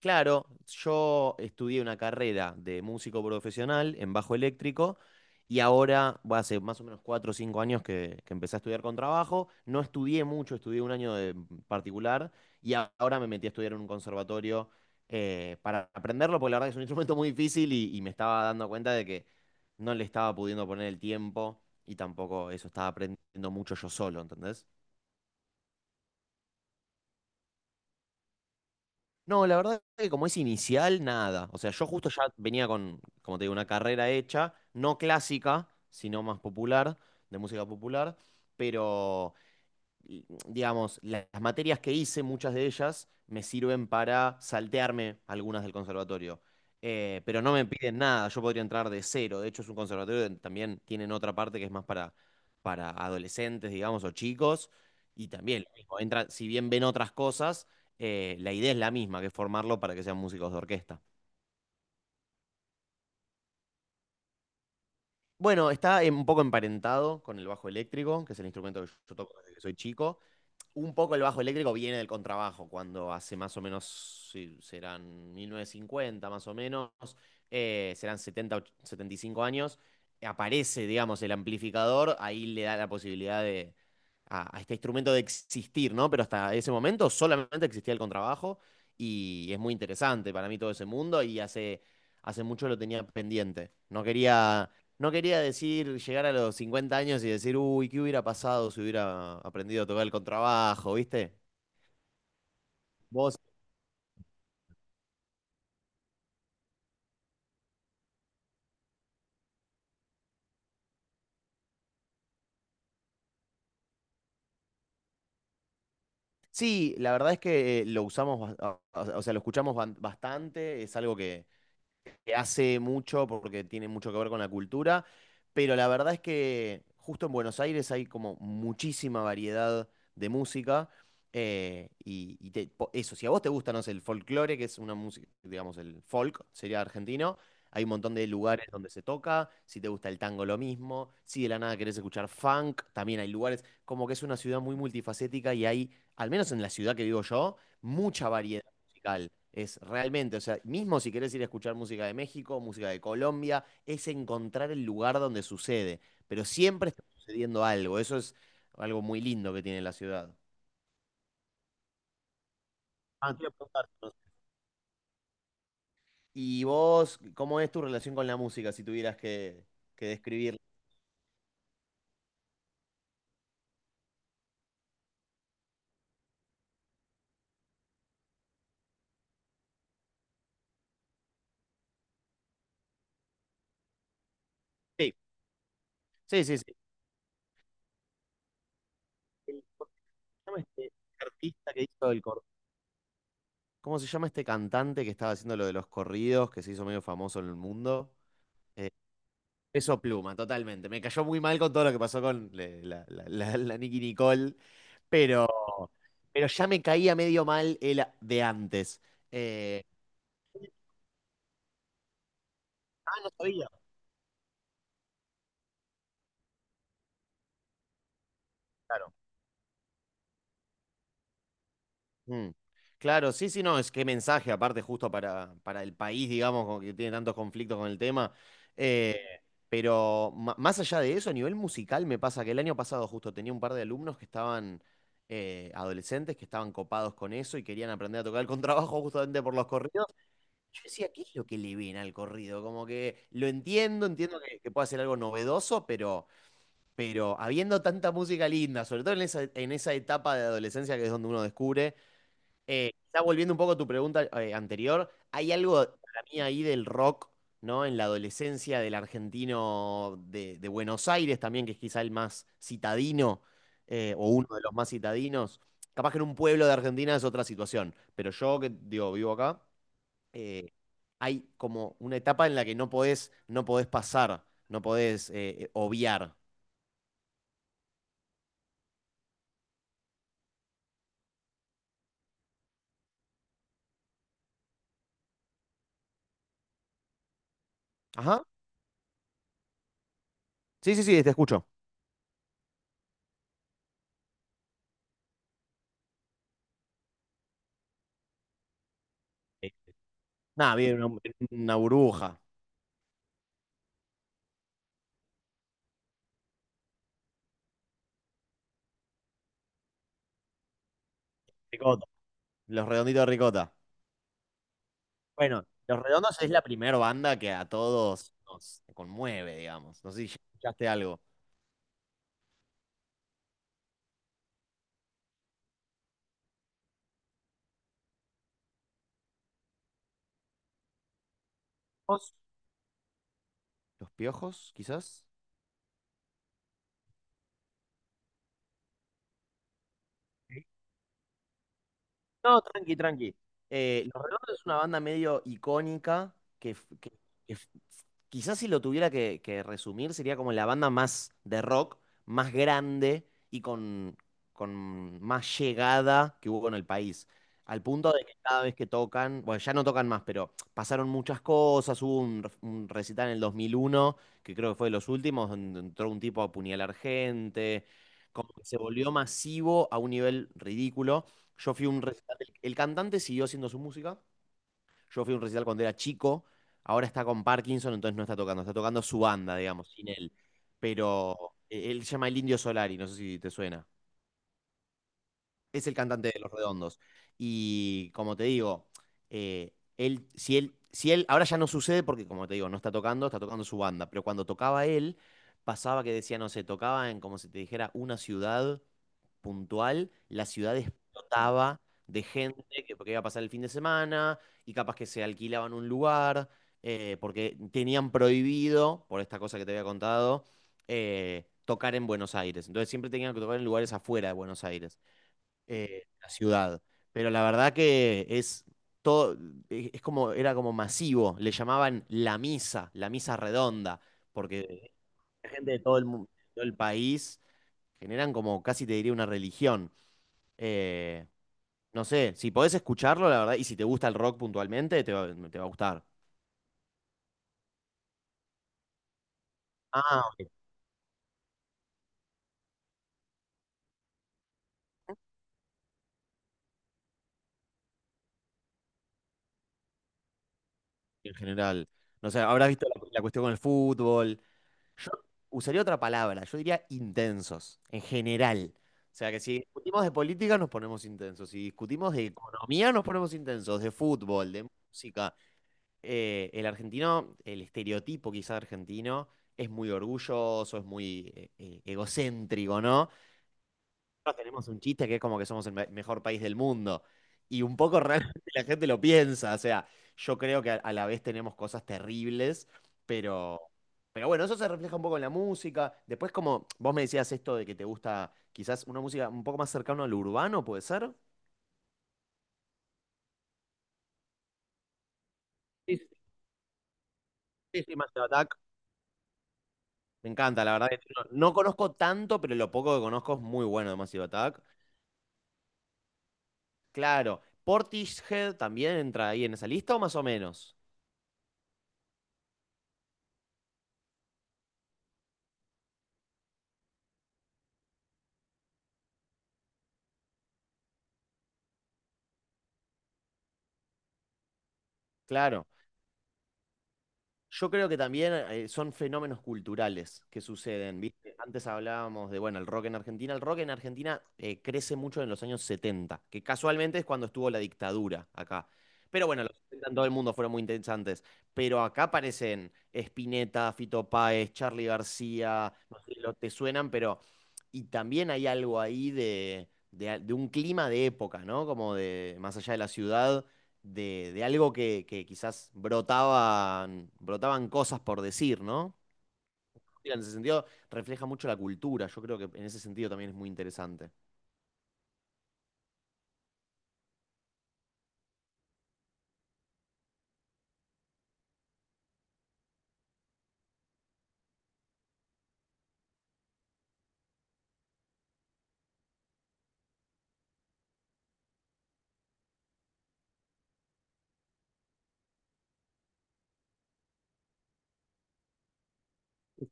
Claro, yo estudié una carrera de músico profesional en bajo eléctrico y ahora, bueno, hace más o menos 4 o 5 años que empecé a estudiar con trabajo. No estudié mucho, estudié un año de particular y ahora me metí a estudiar en un conservatorio para aprenderlo, porque la verdad que es un instrumento muy difícil y me estaba dando cuenta de que no le estaba pudiendo poner el tiempo y tampoco eso estaba aprendiendo mucho yo solo, ¿entendés? No, la verdad que como es inicial, nada. O sea, yo justo ya venía con, como te digo, una carrera hecha, no clásica, sino más popular, de música popular, pero y, digamos, las materias que hice, muchas de ellas, me sirven para saltearme algunas del conservatorio. Pero no me piden nada, yo podría entrar de cero. De hecho, es un conservatorio donde también tienen otra parte que es más para adolescentes, digamos, o chicos. Y también lo mismo, entran, si bien ven otras cosas, la idea es la misma, que es formarlo para que sean músicos de orquesta. Bueno, está un poco emparentado con el bajo eléctrico, que es el instrumento que yo toco desde que soy chico. Un poco el bajo eléctrico viene del contrabajo, cuando hace más o menos, sí, serán 1950 más o menos, serán 70, 75 años, aparece, digamos, el amplificador, ahí le da la posibilidad de, a este instrumento de existir, ¿no? Pero hasta ese momento solamente existía el contrabajo y es muy interesante para mí todo ese mundo y hace mucho lo tenía pendiente. No quería decir, llegar a los 50 años y decir, uy, ¿qué hubiera pasado si hubiera aprendido a tocar el contrabajo, viste? Vos. Sí, la verdad es que lo usamos, o sea, lo escuchamos bastante, es algo que hace mucho porque tiene mucho que ver con la cultura, pero la verdad es que justo en Buenos Aires hay como muchísima variedad de música. Eso, si a vos te gusta, no sé, el folclore, que es una música, digamos, el folk sería argentino, hay un montón de lugares donde se toca, si te gusta el tango lo mismo, si de la nada querés escuchar funk, también hay lugares, como que es una ciudad muy multifacética y hay, al menos en la ciudad que vivo yo, mucha variedad musical. Es realmente, o sea, mismo si querés ir a escuchar música de México, música de Colombia, es encontrar el lugar donde sucede. Pero siempre está sucediendo algo. Eso es algo muy lindo que tiene la ciudad. Ah, te iba a preguntar, ¿no? ¿Y vos, cómo es tu relación con la música si tuvieras que describirla? Sí. Sí, sí, sí. ¿Cómo se llama este artista que hizo el. ¿Cómo se llama este cantante que estaba haciendo lo de los corridos, que se hizo medio famoso en el mundo? Eh, Peso Pluma, totalmente. Me cayó muy mal con todo lo que pasó con la Nicki Nicole, pero, pero ya me caía medio mal de antes. Eh, ah, no sabía. Claro. Mm. Claro, sí, sí, no, es que mensaje, aparte, justo para el país, digamos, como que tiene tantos conflictos con el tema. Eh, pero más allá de eso, a nivel musical, me pasa que el año pasado justo tenía un par de alumnos que estaban adolescentes, que estaban copados con eso y querían aprender a tocar el contrabajo justamente por los corridos. Yo decía, ¿qué es lo que le ven al corrido? Como que lo entiendo, entiendo que puede ser algo novedoso, pero habiendo tanta música linda, sobre todo en esa etapa de adolescencia que es donde uno descubre, está volviendo un poco a tu pregunta anterior, hay algo para mí ahí del rock, ¿no? En la adolescencia del argentino de Buenos Aires también, que es quizá el más citadino, o uno de los más citadinos. Capaz que en un pueblo de Argentina es otra situación, pero yo que digo, vivo acá, eh, hay como una etapa en la que no podés pasar, no podés obviar. Ajá. Sí, sí, sí, te escucho. Eh, Nada, viene una burbuja. Ricota. Los Redonditos de Ricota. Bueno, Los Redondos es la primera banda que a todos nos conmueve, digamos. No sé si ya escuchaste algo. ¿Vos? ¿Los Piojos, quizás? No, tranqui, tranqui. Los Redondos es una banda medio icónica que quizás si lo tuviera que resumir sería como la banda más de rock, más grande y con más llegada que hubo en el país. Al punto de que cada vez que tocan, bueno, ya no tocan más, pero pasaron muchas cosas. Hubo un recital en el 2001 que creo que fue de los últimos, donde entró un tipo a apuñalar gente. Como que se volvió masivo a un nivel ridículo. Yo fui a un recital, el cantante siguió haciendo su música. Yo fui a un recital cuando era chico. Ahora está con Parkinson, entonces no está tocando. Está tocando su banda, digamos, sin él. Pero él se llama El Indio Solari, no sé si te suena. Es el cantante de Los Redondos. Y como te digo, si él, ahora ya no sucede porque, como te digo, no está tocando, está tocando su banda, pero cuando tocaba él, pasaba que decía, no sé, tocaba en, como si te dijera, una ciudad puntual, la ciudad explotaba de gente que, porque iba a pasar el fin de semana y capaz que se alquilaban un lugar, porque tenían prohibido, por esta cosa que te había contado, tocar en Buenos Aires. Entonces siempre tenían que tocar en lugares afuera de Buenos Aires, la ciudad. Pero la verdad que es todo, es como, era como masivo. Le llamaban la misa redonda, porque la gente de todo el país generan como casi te diría una religión. Eh, no sé, si podés escucharlo, la verdad, y si te gusta el rock puntualmente, te va a gustar. Ah, en general. No sé, habrás visto la cuestión con el fútbol. Yo usaría otra palabra, yo diría intensos, en general. O sea que si discutimos de política nos ponemos intensos, si discutimos de economía nos ponemos intensos, de fútbol, de música. El argentino, el estereotipo quizá argentino, es muy orgulloso, es muy egocéntrico, ¿no? Nosotros tenemos un chiste que es como que somos el mejor país del mundo. Y un poco realmente la gente lo piensa. O sea, yo creo que a la vez tenemos cosas terribles, pero, pero bueno, eso se refleja un poco en la música. Después, como vos me decías esto de que te gusta quizás una música un poco más cercana a lo urbano, ¿puede ser? Sí, sí, sí, sí, Massive Attack. Me encanta, la verdad, que no, no conozco tanto, pero lo poco que conozco es muy bueno de Massive Attack. Claro. ¿Portishead también entra ahí en esa lista o más o menos? Claro. Yo creo que también son fenómenos culturales que suceden, ¿viste? Antes hablábamos de, bueno, el rock en Argentina. El rock en Argentina crece mucho en los años 70, que casualmente es cuando estuvo la dictadura acá. Pero bueno, los 70 en todo el mundo fueron muy interesantes. Pero acá aparecen Spinetta, Fito Páez, Charly García, no sé, lo te suenan, pero. Y también hay algo ahí de un clima de época, ¿no? Como de más allá de la ciudad de algo que quizás brotaban cosas por decir, ¿no? Mira, en ese sentido, refleja mucho la cultura. Yo creo que en ese sentido también es muy interesante.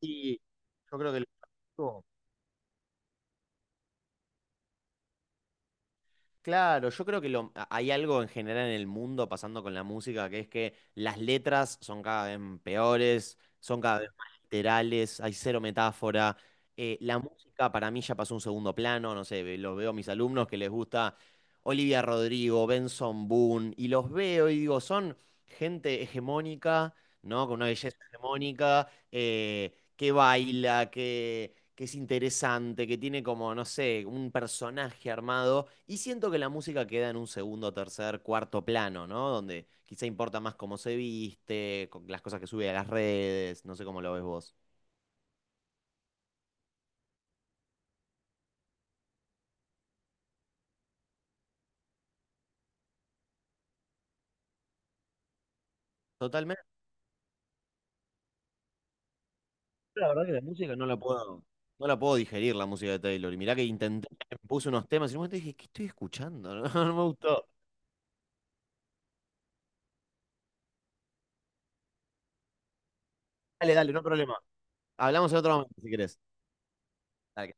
Y yo creo que Claro, yo creo que hay algo en general en el mundo pasando con la música, que es que las letras son cada vez peores, son cada vez más literales, hay cero metáfora. La música para mí ya pasó a un segundo plano, no sé, lo veo a mis alumnos que les gusta Olivia Rodrigo, Benson Boone, y los veo y digo, son gente hegemónica, ¿no? Con una belleza hegemónica, que baila, que es interesante, que tiene como, no sé, un personaje armado. Y siento que la música queda en un segundo, tercer, cuarto plano, ¿no? Donde quizá importa más cómo se viste, con las cosas que sube a las redes, no sé cómo lo ves vos. Totalmente, la verdad que la música no la puedo digerir, la música de Taylor. Y mirá que intenté, puse unos temas y en un momento dije, ¿qué estoy escuchando? No, no me gustó. Dale, dale, no hay problema. Hablamos en otro momento si querés. Dale.